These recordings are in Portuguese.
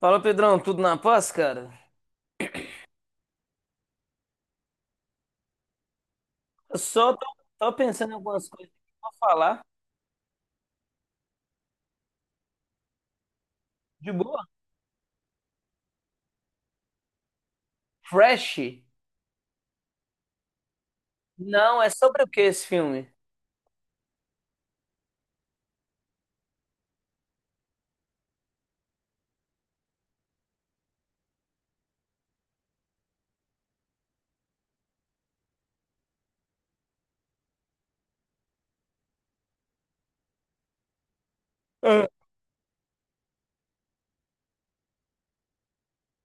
Fala, Pedrão, tudo na paz, cara? Eu só tô pensando em algumas coisas que eu vou falar. De boa? Fresh? Não, é sobre o que esse filme? Ah.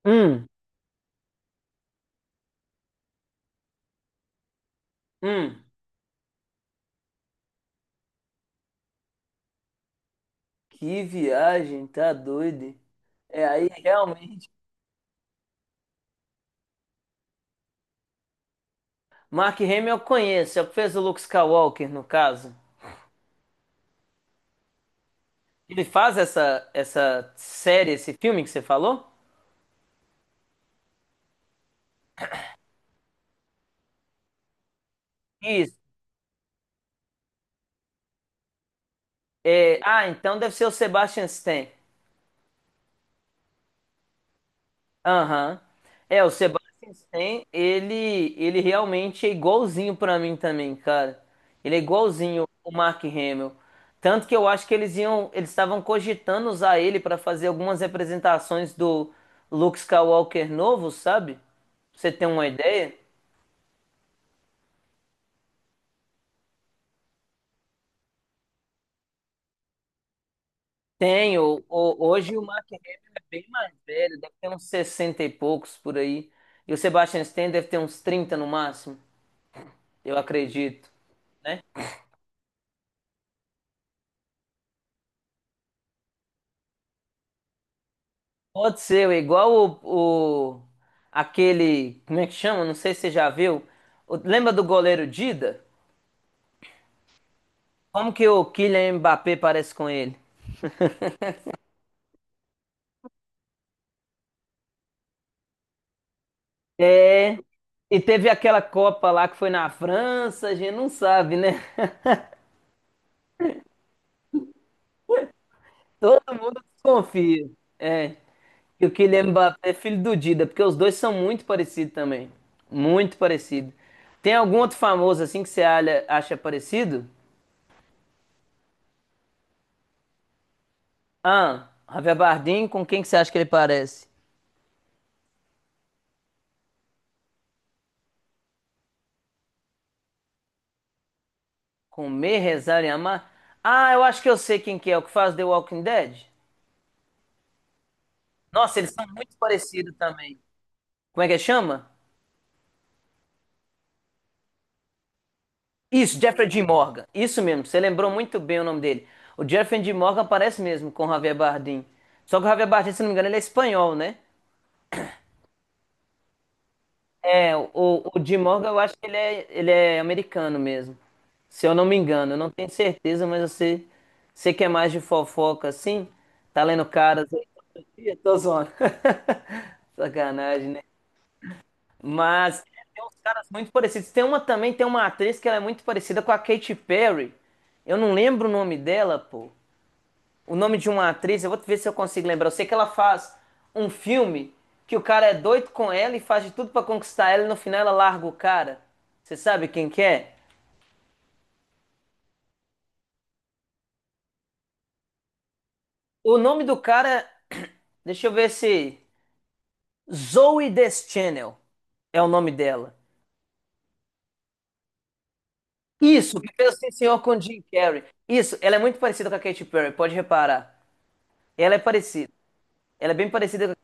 Hum, hum. Que viagem, tá doido? É aí, realmente. Mark Hamill eu conheço, ele fez o Luke Skywalker, no caso. Ele faz essa série, esse filme que você falou? Isso. É, então deve ser o Sebastian Stan. Aham. É, o Sebastian Stan, ele realmente é igualzinho pra mim também, cara. Ele é igualzinho o Mark Hamill. Tanto que eu acho que eles iam, eles estavam cogitando usar ele pra fazer algumas representações do Luke Skywalker novo, sabe? Pra você tem uma ideia? Tenho. Hoje o Mark Hamill é bem mais velho, deve ter uns 60 e poucos por aí. E o Sebastian Stan deve ter uns 30 no máximo, eu acredito, né? Pode ser, é igual aquele, como é que chama? Não sei se você já viu. Lembra do goleiro Dida? Como que o Kylian Mbappé parece com ele? É, e teve aquela Copa lá que foi na França, a gente não sabe, né? Todo mundo desconfia. É, que o Kylian Mbappé é filho do Dida, porque os dois são muito parecidos também. Muito parecido. Tem algum outro famoso assim que você acha parecido? Ah, Javier Bardem, com quem que você acha que ele parece? Comer, rezar e amar. Ah, eu acho que eu sei quem que é, o que faz The Walking Dead. Nossa, eles são muito parecidos também. Como é que chama? Isso, Jeffrey Dean Morgan. Isso mesmo, você lembrou muito bem o nome dele. O Jeffrey Dean Morgan parece mesmo com o Javier Bardem. Só que o Javier Bardem, se não me engano, ele é espanhol, né? É, o Jim Morgan, eu acho que ele é americano mesmo. Se eu não me engano, eu não tenho certeza, mas você, você que é mais de fofoca assim, tá lendo caras aí todo dia? Tô zoando. Sacanagem, né? Mas tem uns caras muito parecidos. Tem uma também, tem uma atriz que ela é muito parecida com a Katy Perry. Eu não lembro o nome dela, pô o nome de uma atriz, eu vou ver se eu consigo lembrar. Eu sei que ela faz um filme que o cara é doido com ela e faz de tudo pra conquistar ela e no final ela larga o cara. Você sabe quem que é? O nome do cara, deixa eu ver se Zoe Deschanel é o nome dela. Isso, que fez Sim Senhor com Jim Carrey. Isso, ela é muito parecida com a Katy Perry, pode reparar. Ela é parecida. Ela é bem parecida com a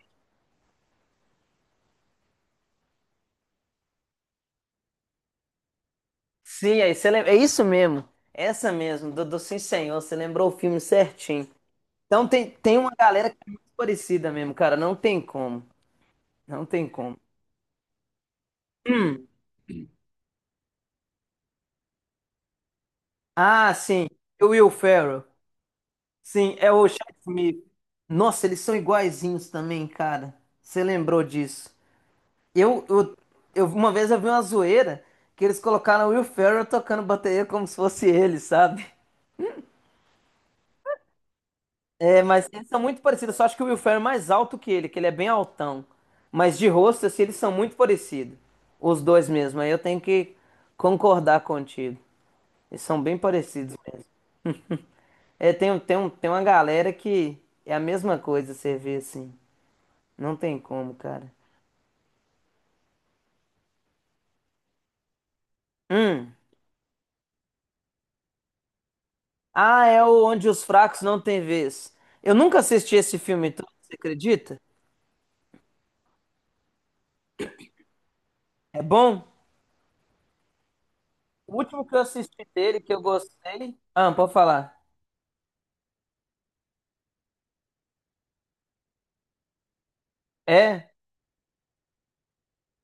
sim, aí você lembra. É isso mesmo. Essa mesmo, do Sim Senhor. Você lembrou o filme certinho. Então tem uma galera que é muito parecida mesmo, cara. Não tem como. Não tem como. Ah, sim. O Will Ferrell. Sim, é o Chad Smith. Nossa, eles são iguaizinhos também, cara. Você lembrou disso? Eu, eu, uma vez eu vi uma zoeira que eles colocaram o Will Ferrell tocando bateria como se fosse ele, sabe? É, mas eles são muito parecidos. Só acho que o Will Ferrell é mais alto que ele é bem altão. Mas de rosto, assim, eles são muito parecidos. Os dois mesmo. Aí eu tenho que concordar contigo. Eles são bem parecidos mesmo. É, tem uma galera que é a mesma coisa, você vê assim. Não tem como, cara. Hum. Ah, é o Onde os Fracos Não Têm Vez. Eu nunca assisti esse filme todo, você acredita? É bom? O último que eu assisti dele, que eu gostei. Ah, pode falar. É,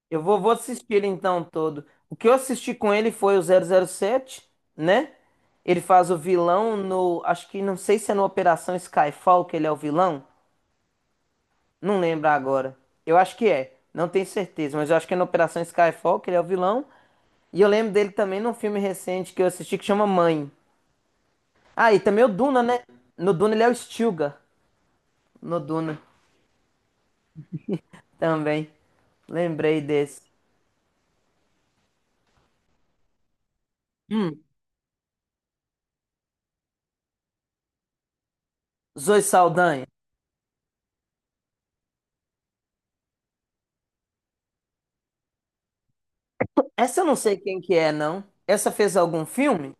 eu vou assistir ele então todo. O que eu assisti com ele foi o 007, né? Ele faz o vilão no. Acho que não sei se é no Operação Skyfall que ele é o vilão. Não lembro agora. Eu acho que é. Não tenho certeza, mas eu acho que é na Operação Skyfall, que ele é o vilão. E eu lembro dele também num filme recente que eu assisti que chama Mãe. Ah, e também o Duna, né? No Duna ele é o Stilgar. No Duna também. Lembrei desse. Hum, Zoe Saldanha. Essa eu não sei quem que é, não. Essa fez algum filme?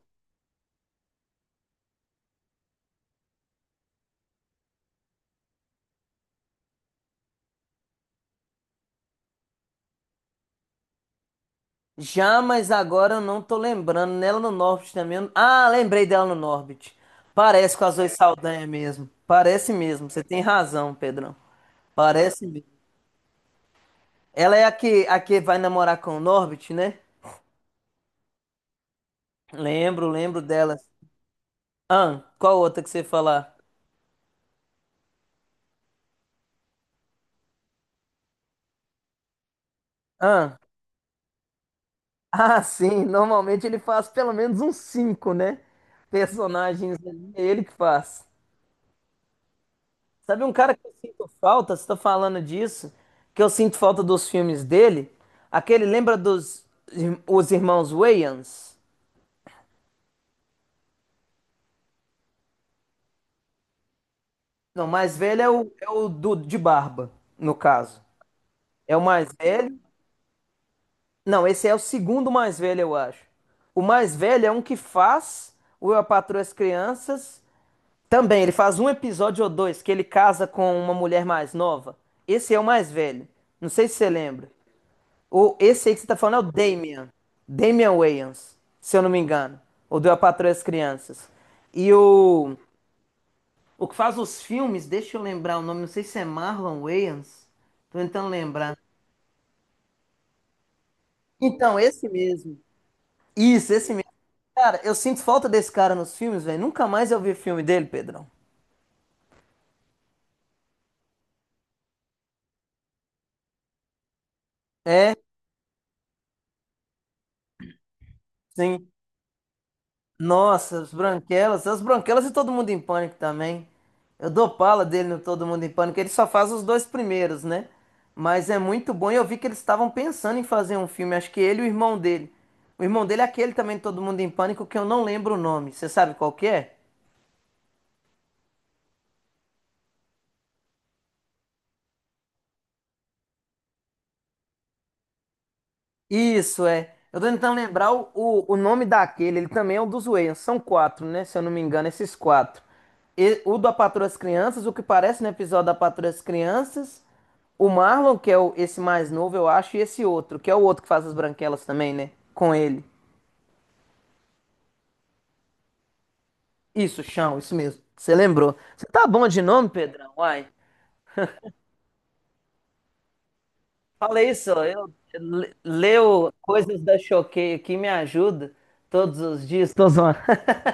Já, mas agora eu não tô lembrando. Nela no Norbit também. Ah, lembrei dela no Norbit. Parece com a Zoe Saldanha mesmo. Parece mesmo. Você tem razão, Pedrão. Parece mesmo. Ela é a que vai namorar com o Norbit, né? Lembro, lembro delas. Ah, qual outra que você ia falar? Ah, sim. Normalmente ele faz pelo menos uns cinco, né? Personagens ali, é ele que faz. Sabe um cara que eu sinto falta, você tá falando disso, que eu sinto falta dos filmes dele? Aquele lembra dos os irmãos Wayans? Não, o mais velho é o do, de barba, no caso. É o mais velho. Não, esse é o segundo mais velho, eu acho. O mais velho é um que faz o Eu, a Patroa e as Crianças. Também, ele faz um episódio ou dois que ele casa com uma mulher mais nova. Esse é o mais velho. Não sei se você lembra. Ou esse aí que você tá falando é o Damian. Damian Wayans, se eu não me engano. O do Eu, a Patroa e as Crianças. E o que faz os filmes, deixa eu lembrar o nome, não sei se é Marlon Wayans. Tô tentando lembrar. Então, esse mesmo. Isso, esse mesmo. Cara, eu sinto falta desse cara nos filmes, velho. Nunca mais eu vi filme dele, Pedrão. É, sim. Nossa, as Branquelas e Todo Mundo em Pânico também. Eu dou pala dele no Todo Mundo em Pânico. Ele só faz os dois primeiros, né? Mas é muito bom. E eu vi que eles estavam pensando em fazer um filme. Acho que ele e o irmão dele. O irmão dele é aquele também, Todo Mundo em Pânico, que eu não lembro o nome. Você sabe qual que é? Isso, é. Eu tô tentando lembrar o nome daquele. Ele também é um dos Wayans. São quatro, né? Se eu não me engano, esses quatro. E, o da Patroa das Crianças, o que parece no episódio da Patroa das Crianças. O Marlon, que é o, esse mais novo, eu acho. E esse outro, que é o outro que faz as branquelas também, né? Com ele. Isso, chão, isso mesmo. Você lembrou. Você tá bom de nome, Pedrão? Uai. Fala isso, ó, eu leio coisas da Choquei aqui, me ajuda todos os dias. Tô zoando.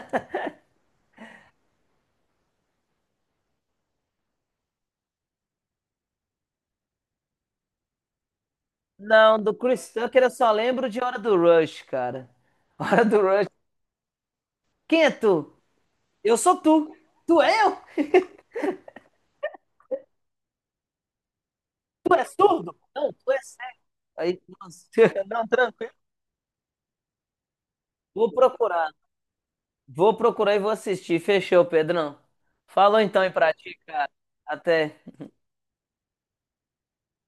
Não, do Chris Tucker eu só lembro de Hora do Rush, cara. Hora do Rush. Quem é tu? Eu sou tu. Tu é eu? Tu é surdo? Não, tu é cego. Aí, nossa, não, tranquilo. Vou procurar. Vou procurar e vou assistir. Fechou, Pedrão. Falou então aí pra ti, cara. Até.